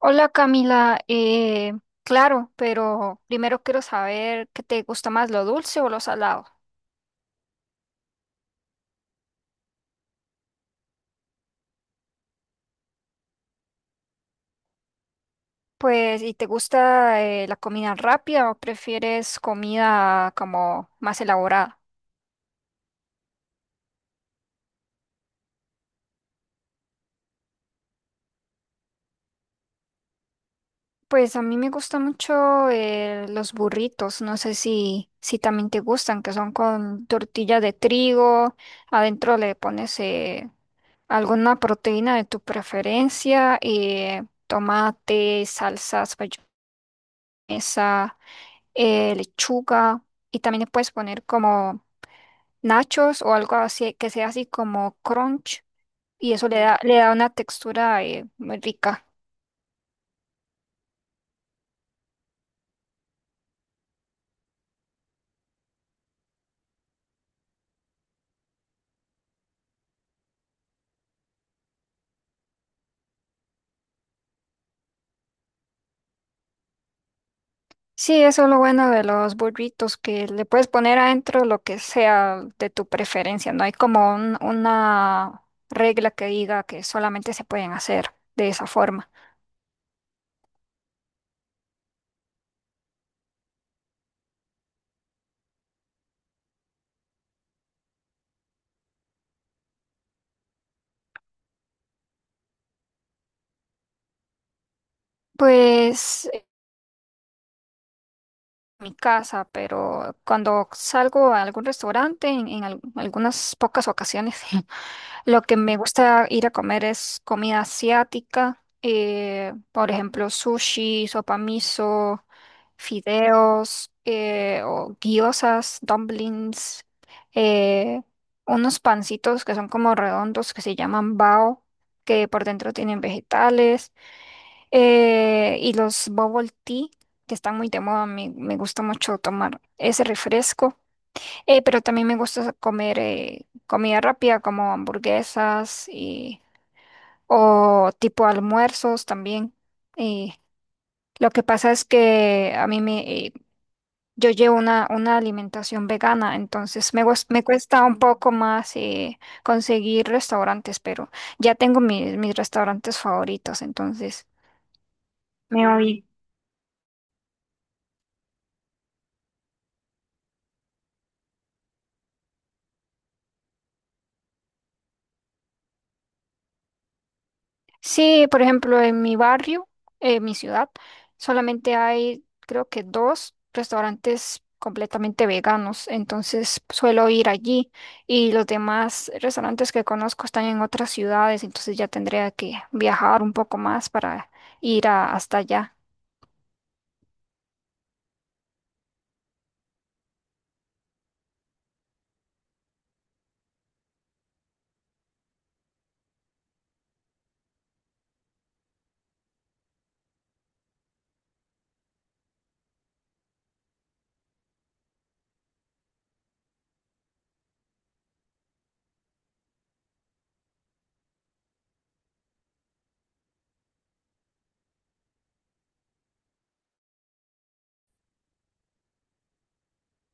Hola Camila, claro, pero primero quiero saber qué te gusta más, lo dulce o lo salado. Pues, ¿y te gusta la comida rápida o prefieres comida como más elaborada? Pues a mí me gustan mucho los burritos, no sé si también te gustan, que son con tortilla de trigo, adentro le pones alguna proteína de tu preferencia, tomate, salsas, mayonesa. Lechuga y también le puedes poner como nachos o algo así que sea así como crunch, y eso le da una textura muy rica. Sí, eso es lo bueno de los burritos, que le puedes poner adentro lo que sea de tu preferencia, no hay como una regla que diga que solamente se pueden hacer de esa forma. Pues mi casa, pero cuando salgo a algún restaurante, en algunas pocas ocasiones, lo que me gusta ir a comer es comida asiática, por ejemplo, sushi, sopa miso, fideos, o gyozas, dumplings, eh, unos pancitos que son como redondos que se llaman bao, que por dentro tienen vegetales. Y los bubble tea, que están muy de moda, me gusta mucho tomar ese refresco. Pero también me gusta comer comida rápida como hamburguesas y, o tipo almuerzos también. Y lo que pasa es que eh, yo llevo una alimentación vegana, entonces me me cuesta un poco más conseguir restaurantes, pero ya tengo mis restaurantes favoritos, entonces me voy. Sí, por ejemplo, en mi barrio, en mi ciudad, solamente hay, creo que dos restaurantes completamente veganos, entonces suelo ir allí y los demás restaurantes que conozco están en otras ciudades, entonces ya tendría que viajar un poco más para ir hasta allá.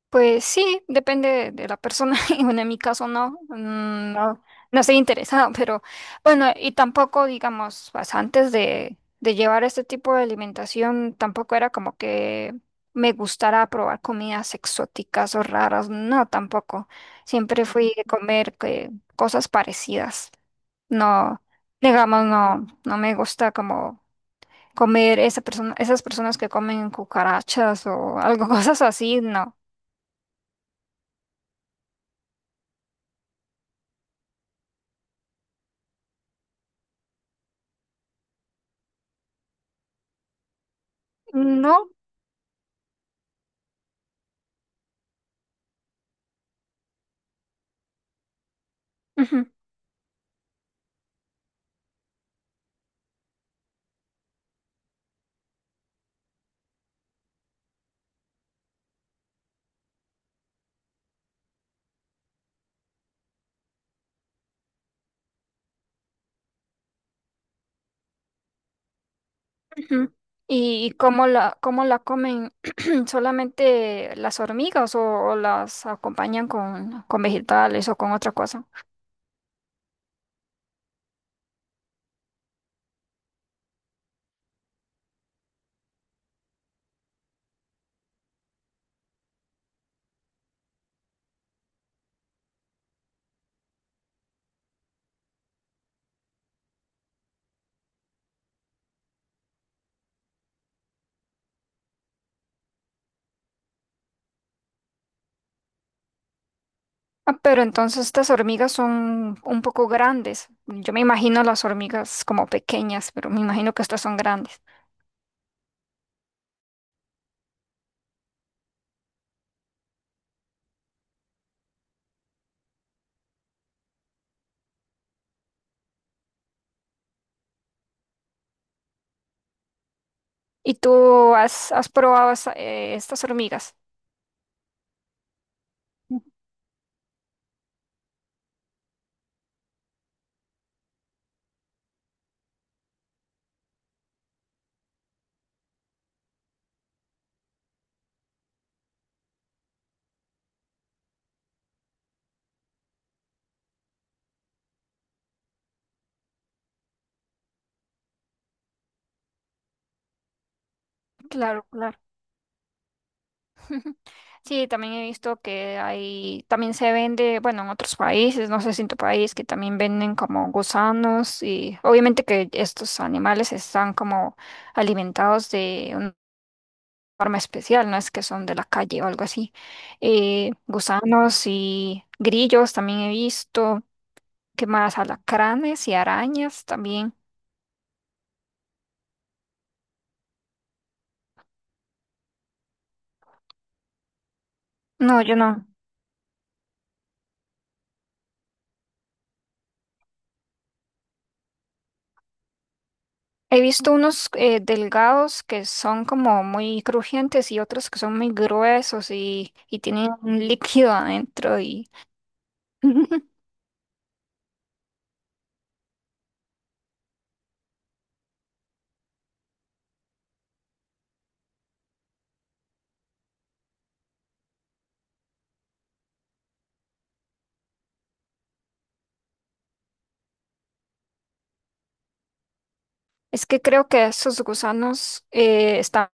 Pues sí, depende de la persona. Y bueno, en mi caso no, mm, no, no estoy interesada, pero bueno, y tampoco, digamos, pues, de llevar este tipo de alimentación, tampoco era como que me gustara probar comidas exóticas o raras, no, tampoco. Siempre fui de comer que, cosas parecidas. No, digamos, no, no me gusta como comer esas personas que comen cucarachas o algo, cosas así, no. No. Ujú, ujú. ¿Y cómo cómo la comen? ¿Solamente las hormigas o las acompañan con vegetales o con otra cosa? Ah, pero entonces estas hormigas son un poco grandes. Yo me imagino las hormigas como pequeñas, pero me imagino que estas son grandes. ¿Y tú has probado estas hormigas? Claro, claro. Sí, también he visto que hay, también se vende, bueno, en otros países, no sé si en tu país, que también venden como gusanos y obviamente que estos animales están como alimentados de una forma especial, no es que son de la calle o algo así. Gusanos y grillos también he visto, ¿qué más? Alacranes y arañas también. No, yo no. He visto unos delgados que son como muy crujientes y otros que son muy gruesos y tienen un líquido adentro y es que creo que esos gusanos están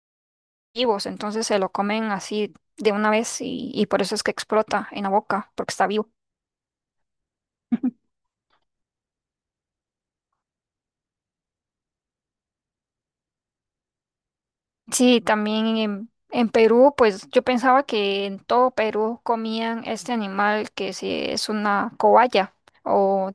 vivos, entonces se lo comen así de una vez y por eso es que explota en la boca, porque está vivo. Sí, también en Perú, pues yo pensaba que en todo Perú comían este animal que sí es una cobaya o...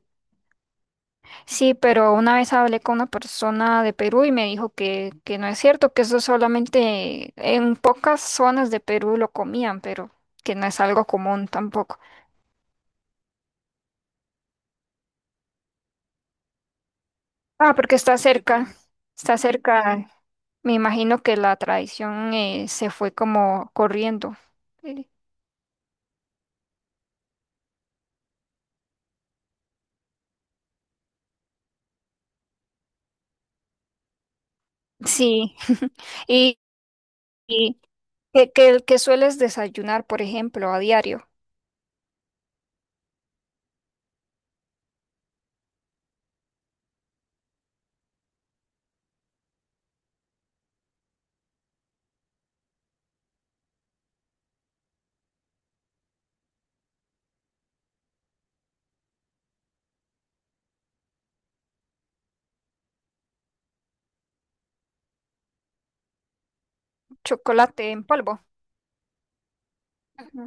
Sí, pero una vez hablé con una persona de Perú y me dijo que no es cierto, que eso solamente en pocas zonas de Perú lo comían, pero que no es algo común tampoco. Ah, porque está cerca, está cerca. Me imagino que la tradición se fue como corriendo. Eh, Sí, y, y que sueles desayunar, por ejemplo, a diario, chocolate en polvo. Ujú,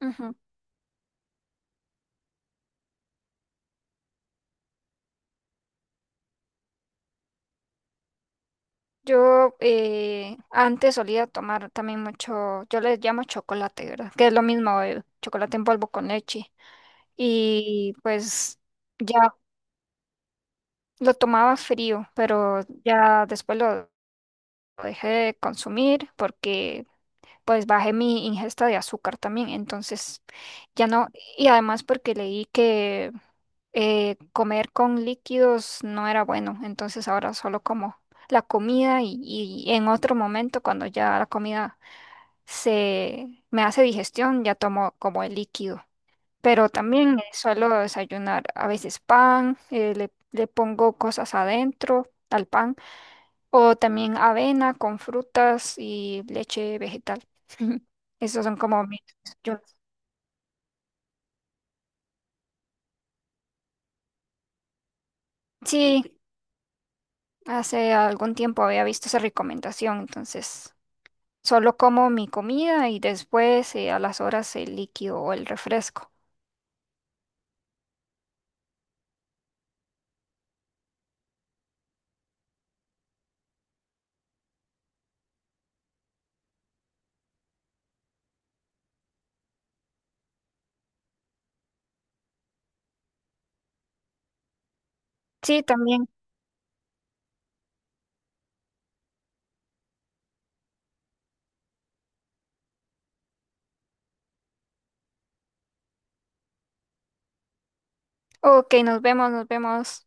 ujú. Yo antes solía tomar también mucho, yo les llamo chocolate, ¿verdad? Que es lo mismo, el chocolate en polvo con leche. Y pues ya lo tomaba frío, pero ya después lo dejé de consumir porque pues bajé mi ingesta de azúcar también, entonces ya no, y además porque leí que comer con líquidos no era bueno, entonces ahora solo como la comida y en otro momento cuando ya la comida se me hace digestión, ya tomo como el líquido. Pero también suelo desayunar a veces pan, eh, le pongo cosas adentro al pan, o también avena con frutas y leche vegetal. Esos son como... Sí, hace algún tiempo había visto esa recomendación, entonces solo como mi comida y después a las horas el líquido o el refresco. Sí, también. Ok, nos vemos, nos vemos.